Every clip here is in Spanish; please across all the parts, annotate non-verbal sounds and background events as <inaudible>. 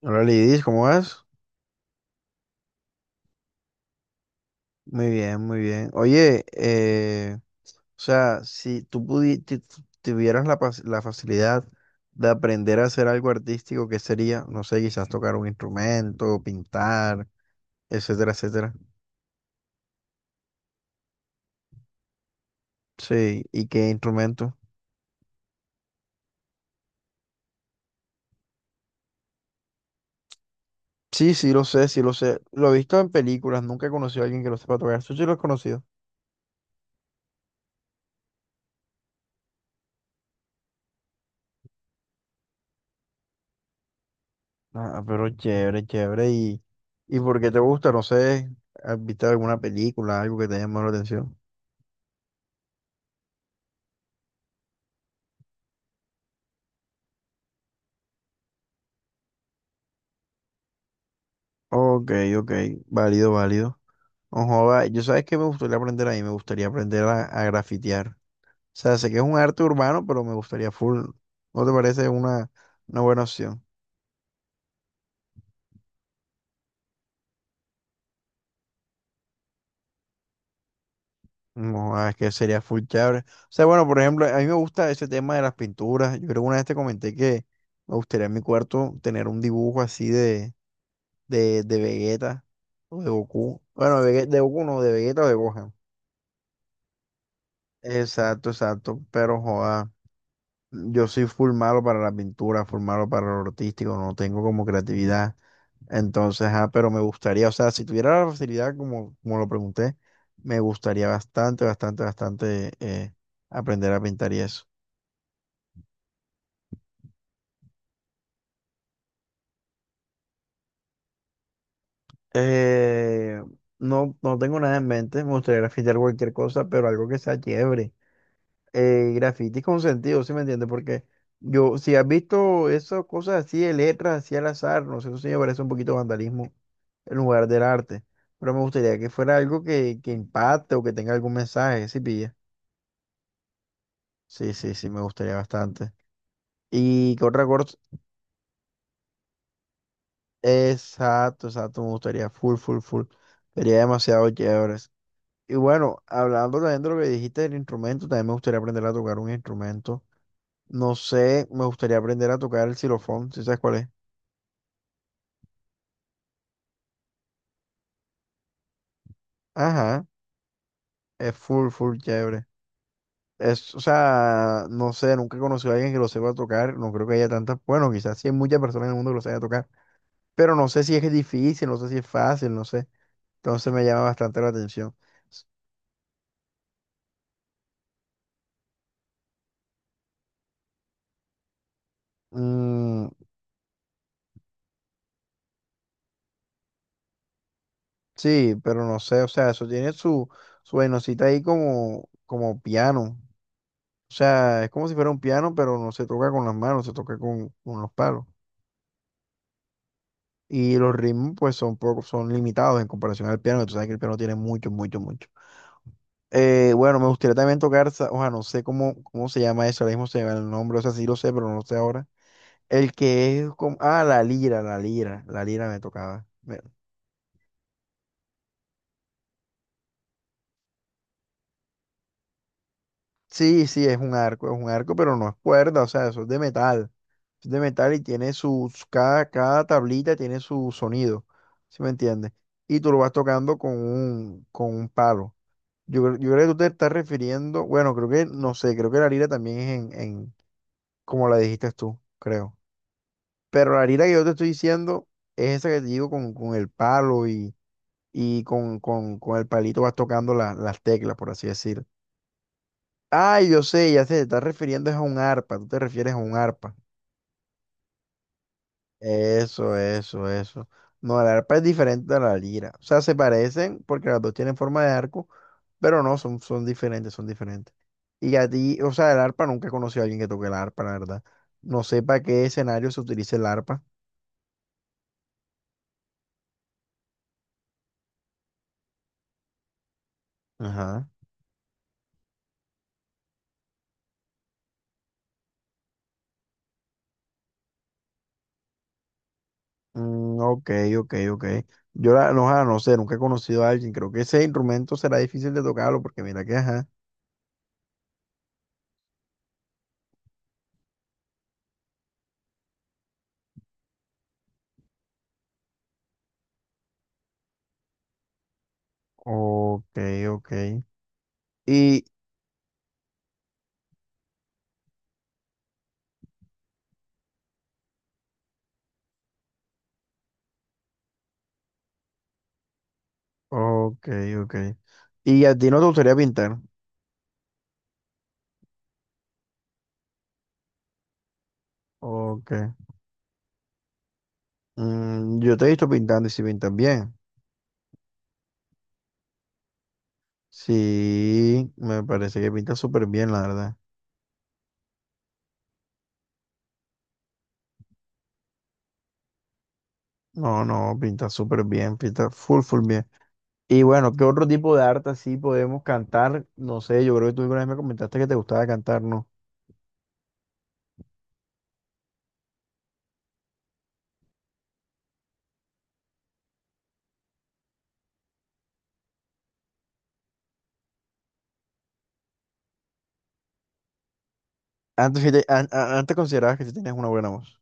Hola Lidis, ¿cómo vas? Muy bien, muy bien. Oye, o sea, si tú tuvieras la, la facilidad de aprender a hacer algo artístico, ¿qué sería? No sé, quizás tocar un instrumento, pintar, etcétera, etcétera. Sí, ¿y qué instrumento? Sí, sí, lo sé, sí, lo sé. Lo he visto en películas, nunca he conocido a alguien que lo sepa tocar. Eso sí lo he conocido. Ah, pero chévere, chévere. ¿Y por qué te gusta? No sé, ¿has visto alguna película, algo que te haya llamado la atención? Ok, ok, válido, válido. Ojo, va, yo sabes que me gustaría aprender ahí, me gustaría aprender a grafitear. O sea, sé que es un arte urbano, pero me gustaría full. ¿No te parece una buena opción? No, ah, es que sería full chévere. O sea, bueno, por ejemplo, a mí me gusta ese tema de las pinturas. Yo creo que una vez te comenté que me gustaría en mi cuarto tener un dibujo así de Vegeta o de Goku. Bueno, de Goku no, de Vegeta o de Gohan. Exacto, exacto, pero joda. Yo soy full malo para la pintura, full malo para lo artístico, no tengo como creatividad. Entonces, ah, pero me gustaría, o sea, si tuviera la facilidad, como lo pregunté, me gustaría bastante, bastante, bastante aprender a pintar y eso. Eh, no, no tengo nada en mente, me gustaría pintar cualquier cosa, pero algo que sea chévere, grafitis con sentido, ¿sí me entiendes? Porque yo, si has visto esas cosas así de letras, así al azar, no sé, eso sí me parece un poquito vandalismo en lugar del arte. Pero me gustaría que fuera algo que impacte o que tenga algún mensaje, ¿sí pilla? Sí, sí, sí, me gustaría bastante. Y que otra cosa, exacto, exacto, me gustaría, full, full, full. Sería demasiado chévere. Y bueno, hablando también de lo que dijiste del instrumento, también me gustaría aprender a tocar un instrumento. No sé, me gustaría aprender a tocar el xilofón, si sabes cuál es. Ajá, es full, full chévere. Es, o sea, no sé, nunca he conocido a alguien que lo sepa tocar, no creo que haya tantas, bueno, quizás sí hay muchas personas en el mundo que lo sepa tocar, pero no sé si es difícil, no sé si es fácil, no sé. Entonces me llama bastante la atención. S- mm, sí, pero no sé, o sea, eso tiene su, su vainosita ahí como piano. O sea, es como si fuera un piano, pero no se toca con las manos, se toca con los palos. Y los ritmos, pues, son, poco, son limitados en comparación al piano, que tú sabes que el piano tiene mucho, mucho, mucho. Bueno, me gustaría también tocar, o sea, no sé cómo, cómo se llama eso, ahora mismo se llama el nombre, o sea, sí lo sé, pero no lo sé ahora. El que es como, ah, la lira, la lira, la lira me tocaba. Sí, sí, es un arco, pero no es cuerda, o sea, eso es de metal. Es de metal y tiene sus, cada, cada tablita tiene su sonido, ¿sí me entiendes? Y tú lo vas tocando con un palo. Yo creo que tú te estás refiriendo, bueno, creo que, no sé, creo que la lira también es en, en, como la dijiste tú, creo. Pero la lira que yo te estoy diciendo es esa que te digo con el palo y, y con el palito vas tocando las teclas, por así decir. Ay, yo sé, ya sé, te estás refiriendo es a un arpa, tú te refieres a un arpa. Eso, eso, eso. No, la arpa es diferente a la lira. O sea, se parecen porque las dos tienen forma de arco, pero no, son, son diferentes, son diferentes. Y a ti, o sea, el arpa nunca he conocido a alguien que toque la arpa, la verdad. No sé para qué escenario se utiliza el arpa. Ajá. Mm, ok, ok, ok. Yo la, no, ah, no sé, nunca he conocido a alguien. Creo que ese instrumento será difícil de tocarlo porque mira que, ajá. Ok, ok. Y, ok, ok. Y a ti no te gustaría pintar. Ok. Mm, yo te he visto pintando y si pintas bien. Sí, me parece que pintas súper bien, la verdad. No, no, pintas súper bien, pintas full, full bien. Y bueno, ¿qué otro tipo de arte así podemos cantar? No sé, yo creo que tú alguna vez me comentaste que te gustaba cantar, ¿no? Antes, sí antes considerabas que sí tenías una buena voz.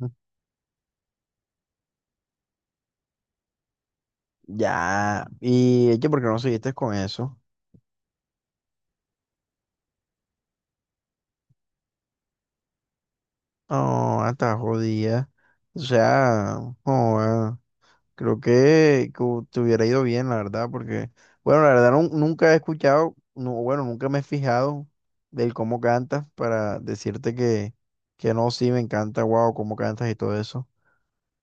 Mm. Ya, y es que porque no seguiste con eso. No, hasta jodida. O sea, joda. Creo que te hubiera ido bien, la verdad, porque, bueno, la verdad nunca he escuchado, no, bueno, nunca me he fijado del cómo cantas para decirte que no, sí, me encanta, wow, cómo cantas y todo eso.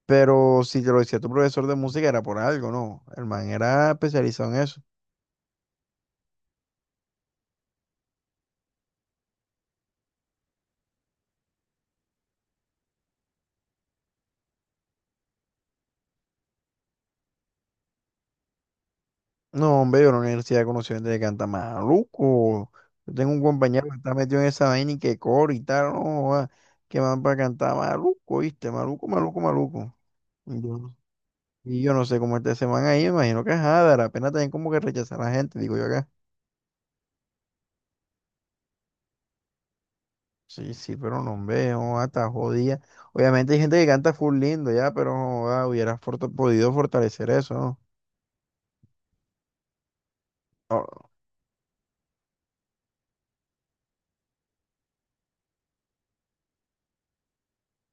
Pero si te lo decía tu profesor de música era por algo, ¿no? El man era especializado en eso. No, hombre, yo en la universidad conocí gente que canta maluco. Yo tengo un compañero que está metido en esa vaina y que coro y tal, no, joda, que van para cantar maluco, ¿viste? Maluco, maluco, maluco. Y yo no sé cómo esté ese man ahí, me imagino que es la pena también como que rechazar a la gente, digo yo acá. Sí, sí, pero no veo, hasta jodida. Obviamente hay gente que canta full lindo ya, pero joda, podido fortalecer eso, ¿no? Ah,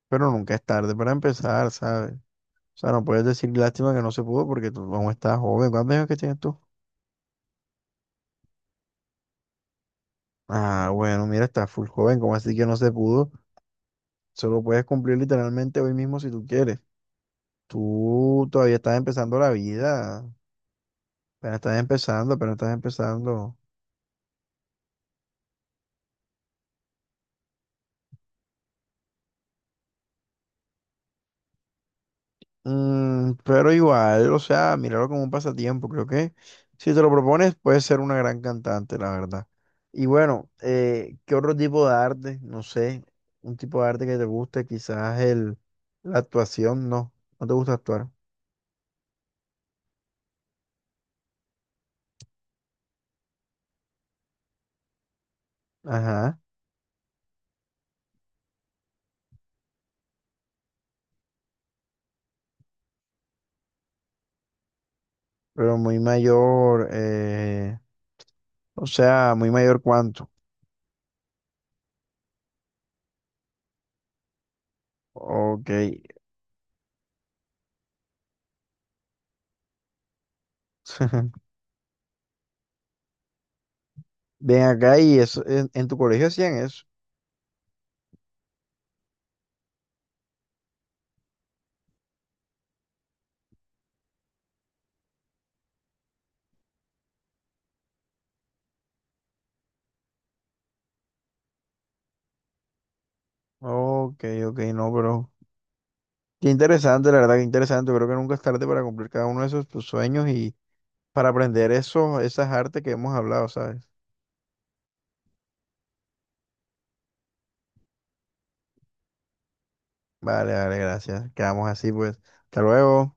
pero nunca es tarde para empezar, ¿sabes? O sea, no puedes decir lástima que no se pudo porque tú aún estás joven. ¿Cuántos años que tienes tú? Ah, bueno, mira, estás full joven, ¿cómo así que no se pudo? Solo puedes cumplir literalmente hoy mismo si tú quieres. Tú todavía estás empezando la vida, apenas estás empezando, apenas estás empezando. Mm, pero igual, o sea, míralo como un pasatiempo. Creo que si te lo propones, puedes ser una gran cantante, la verdad. Y bueno, ¿qué otro tipo de arte? No sé, un tipo de arte que te guste, quizás la actuación, no, no te gusta actuar. Ajá, pero muy mayor, o sea, muy mayor cuánto. Ok. <laughs> Ven acá y eso, en tu colegio hacían eso. Ok, ok, no, pero qué interesante, la verdad, que interesante. Creo que nunca es tarde para cumplir cada uno de esos tus sueños y para aprender esos, esas artes que hemos hablado, ¿sabes? Vale, vale, gracias. Quedamos así, pues. Hasta luego.